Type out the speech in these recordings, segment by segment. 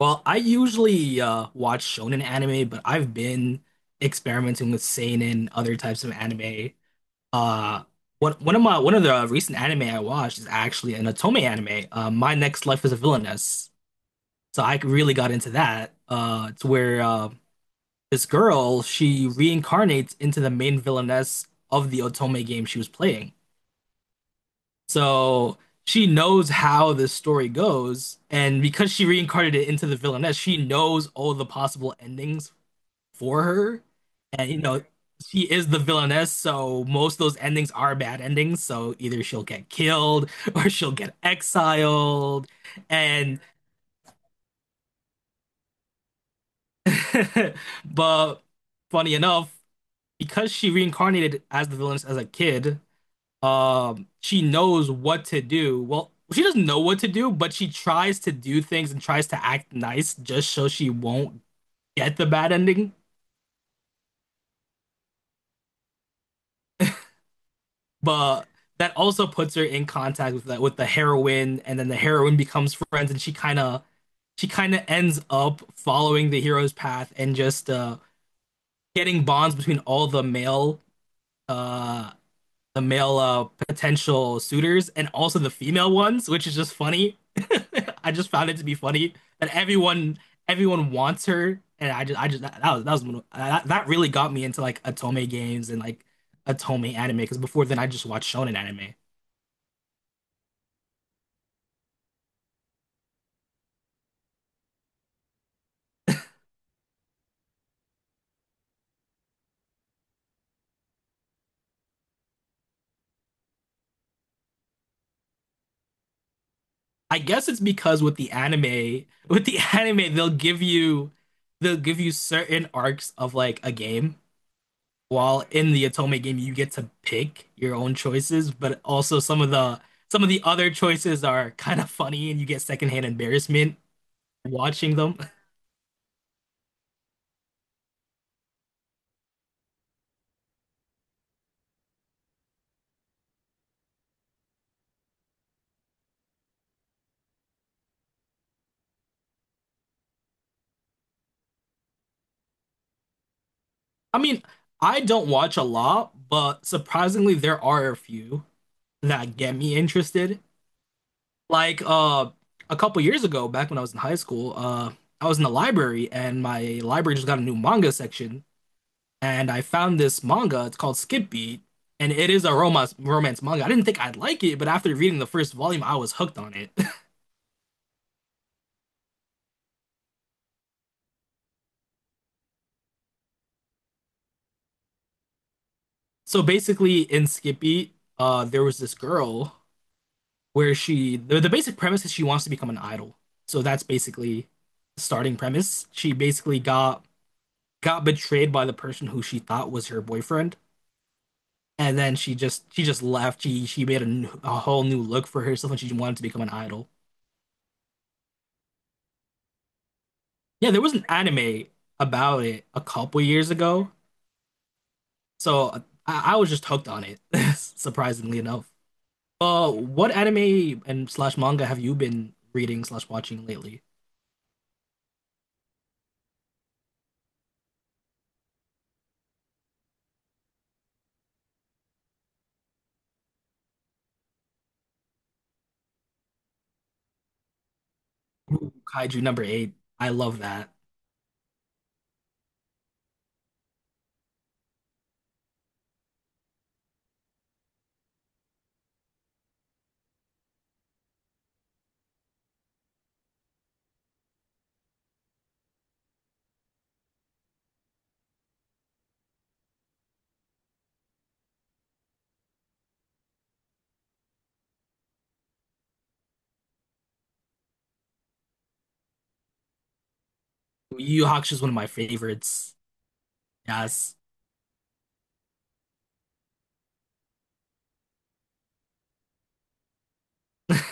Well, I usually watch shonen anime, but I've been experimenting with seinen, other types of anime. Uh, one of the recent anime I watched is actually an otome anime. My Next Life as a Villainess. So I really got into that. It's where this girl she reincarnates into the main villainess of the otome game she was playing. So she knows how this story goes, and because she reincarnated it into the villainess, she knows all the possible endings for her. And you know, she is the villainess, so most of those endings are bad endings. So either she'll get killed or she'll get exiled. And but funny enough, because she reincarnated as the villainess as a kid, she knows what to do. Well, she doesn't know what to do, but she tries to do things and tries to act nice just so she won't get the bad ending. But that also puts her in contact with the heroine, and then the heroine becomes friends, and she kind of ends up following the hero's path and just getting bonds between all the uh male potential suitors and also the female ones, which is just funny. I just found it to be funny that everyone wants her, and I just that was one of- that, that really got me into like Otome games and like Otome anime because before then I just watched shonen anime. I guess it's because with the anime with the anime they'll give you certain arcs of like a game while in the Atome game you get to pick your own choices, but also some of the other choices are kind of funny and you get secondhand embarrassment watching them. I mean, I don't watch a lot, but surprisingly there are a few that get me interested. Like a couple years ago, back when I was in high school, I was in the library and my library just got a new manga section, and I found this manga. It's called Skip Beat, and it is a romance manga. I didn't think I'd like it, but after reading the first volume, I was hooked on it. So basically, in Skip Beat, there was this girl where the basic premise is she wants to become an idol. So that's basically the starting premise. She basically got betrayed by the person who she thought was her boyfriend. And then she just left. She made a whole new look for herself, and she wanted to become an idol. Yeah, there was an anime about it a couple years ago, so I was just hooked on it, surprisingly enough. What anime and slash manga have you been reading slash watching lately? Ooh, Kaiju number eight. I love that. Yu Yu Hakusho is one of my favorites. Yes.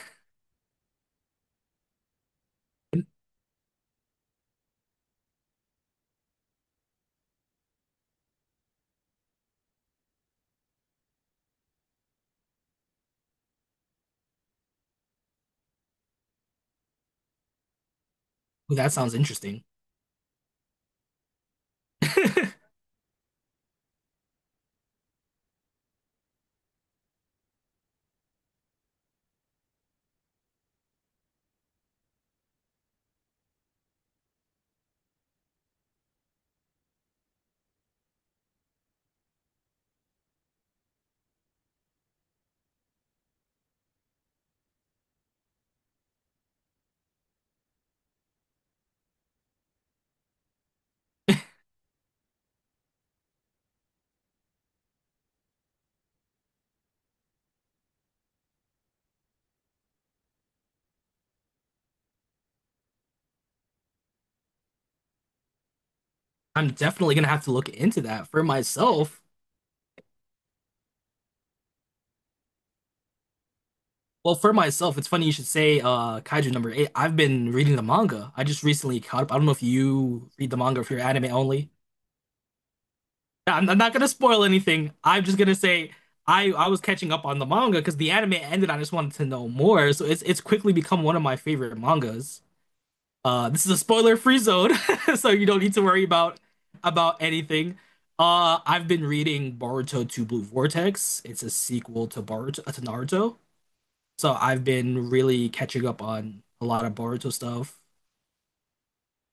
Ooh, that sounds interesting. I'm definitely gonna have to look into that for myself. Well, for myself, it's funny you should say Kaiju number eight. I've been reading the manga. I just recently caught up. I don't know if you read the manga or if you're anime only. I'm not gonna spoil anything. I'm just gonna say I was catching up on the manga because the anime ended. I just wanted to know more, so it's quickly become one of my favorite mangas. This is a spoiler-free zone, so you don't need to worry about anything. I've been reading Boruto to Blue Vortex. It's a sequel to Boruto to Naruto, so I've been really catching up on a lot of Boruto stuff.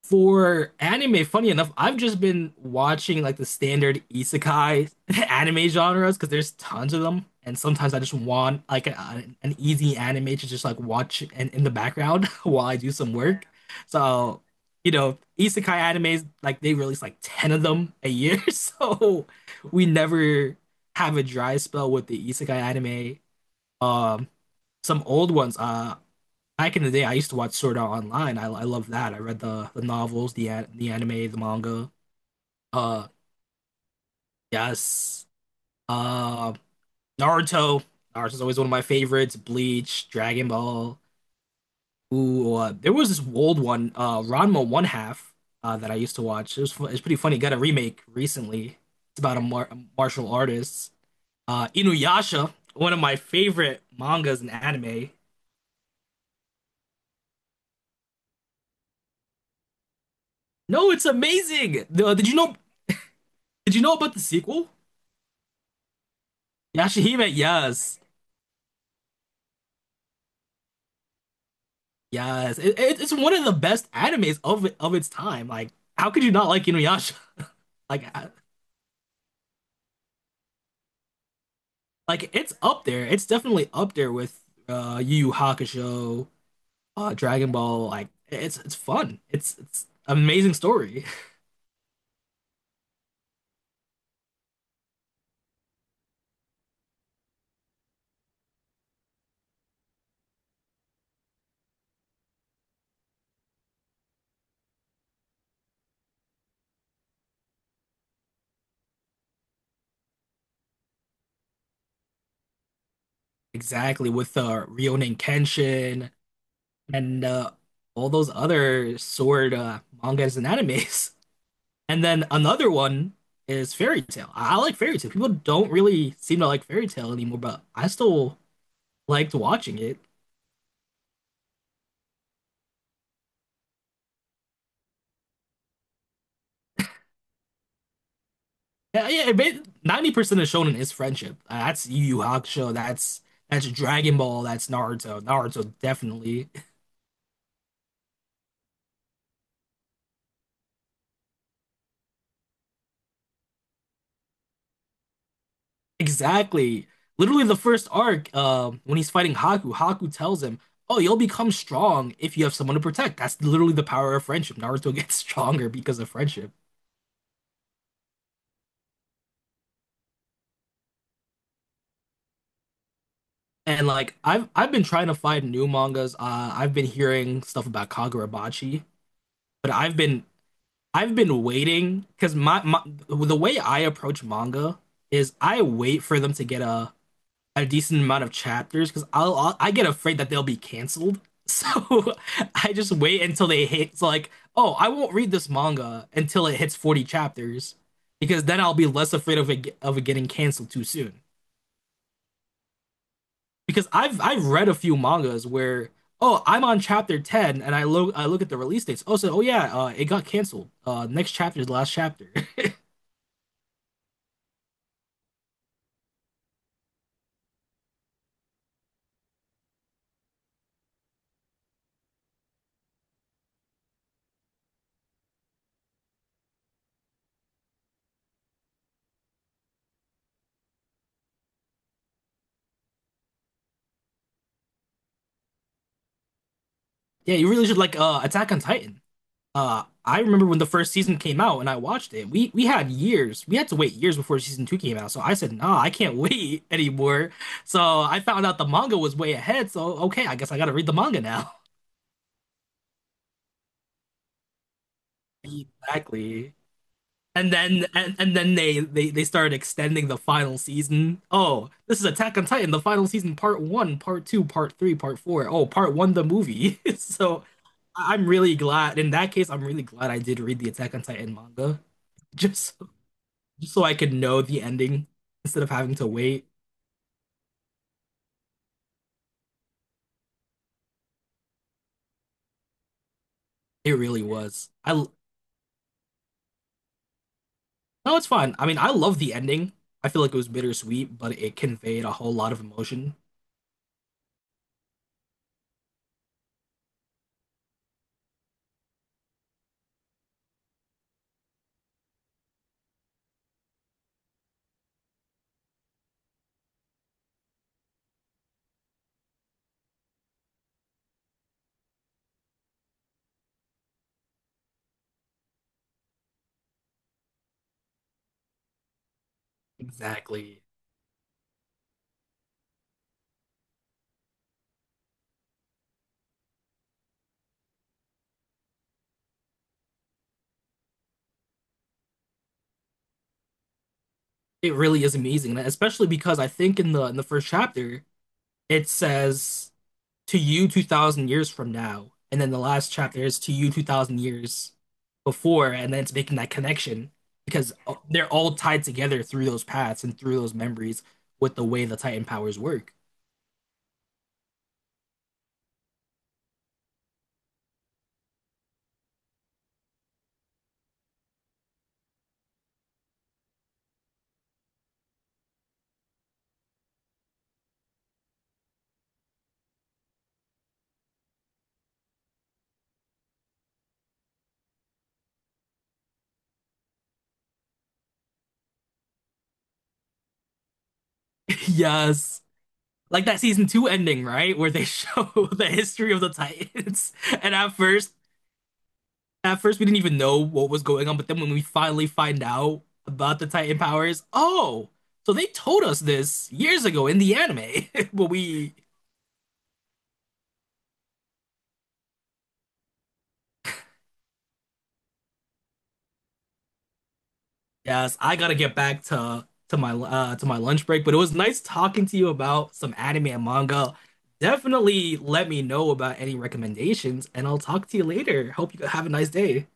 For anime, funny enough, I've just been watching like the standard isekai anime genres because there's tons of them, and sometimes I just want like an easy anime to just like watch and in the background while I do some work. So, you know, isekai animes like they release like 10 of them a year, so we never have a dry spell with the isekai anime. Um, some old ones. Back in the day, I used to watch Sword Art Online. I love that. I read the novels, the anime, the manga. Uh, yes. Uh, Naruto. Naruto's always one of my favorites. Bleach, Dragon Ball. Ooh, there was this old one, Ranma One Half, that I used to watch. It was It's pretty funny. Got a remake recently. It's about a martial artist. Inuyasha, one of my favorite mangas and anime. No, it's amazing. The, did you know? Did you know about the sequel? Yashahime, yes. Yes. It's one of the best animes of its time. Like, how could you not like Inuyasha? Like, I- like, it's up there. It's definitely up there with Yu Yu Hakusho, Dragon Ball. Like, it's fun. It's amazing story. Exactly with Rurouni Kenshin and all those other sword mangas and animes. And then another one is Fairy Tale. I like Fairy Tale. People don't really seem to like Fairy Tale anymore, but I still liked watching it. Yeah, yeah. It made, 90% of shonen is friendship. That's Yu Yu Hakusho. That's Dragon Ball. That's Naruto. Naruto definitely. Exactly. Literally the first arc, when he's fighting Haku, Haku tells him, "Oh, you'll become strong if you have someone to protect." That's literally the power of friendship. Naruto gets stronger because of friendship. And like I've been trying to find new mangas. I've been hearing stuff about Kagurabachi, but I've been waiting because my the way I approach manga is I wait for them to get a decent amount of chapters because I get afraid that they'll be canceled. So I just wait until they hit. It's like, oh, I won't read this manga until it hits 40 chapters because then I'll be less afraid of it getting canceled too soon. Because I've read a few mangas where oh I'm on chapter 10 and I look at the release dates. Oh so oh yeah, it got canceled. Next chapter is the last chapter. Yeah, you really should like Attack on Titan. I remember when the first season came out and I watched it. We had years. We had to wait years before season two came out. So I said, nah, I can't wait anymore. So I found out the manga was way ahead. So okay, I guess I gotta read the manga now. Exactly. And then they started extending the final season. Oh, this is Attack on Titan, the final season, part one, part two, part three, part four. Oh, part one, the movie. So am really glad. In that case, I'm really glad I did read the Attack on Titan manga, just just so I could know the ending instead of having to wait. It really was. No, it's fine. I mean, I love the ending. I feel like it was bittersweet, but it conveyed a whole lot of emotion. Exactly. It really is amazing, and especially because I think in the first chapter it says to you 2000 years from now, and then the last chapter is to you 2000 years before, and then it's making that connection because they're all tied together through those paths and through those memories with the way the Titan powers work. Yes. Like that season two ending, right? Where they show the history of the Titans. And at first we didn't even know what was going on, but then when we finally find out about the Titan powers, oh, so they told us this years ago in the anime. But we, yes, I gotta get back to my to my lunch break, but it was nice talking to you about some anime and manga. Definitely let me know about any recommendations, and I'll talk to you later. Hope you have a nice day.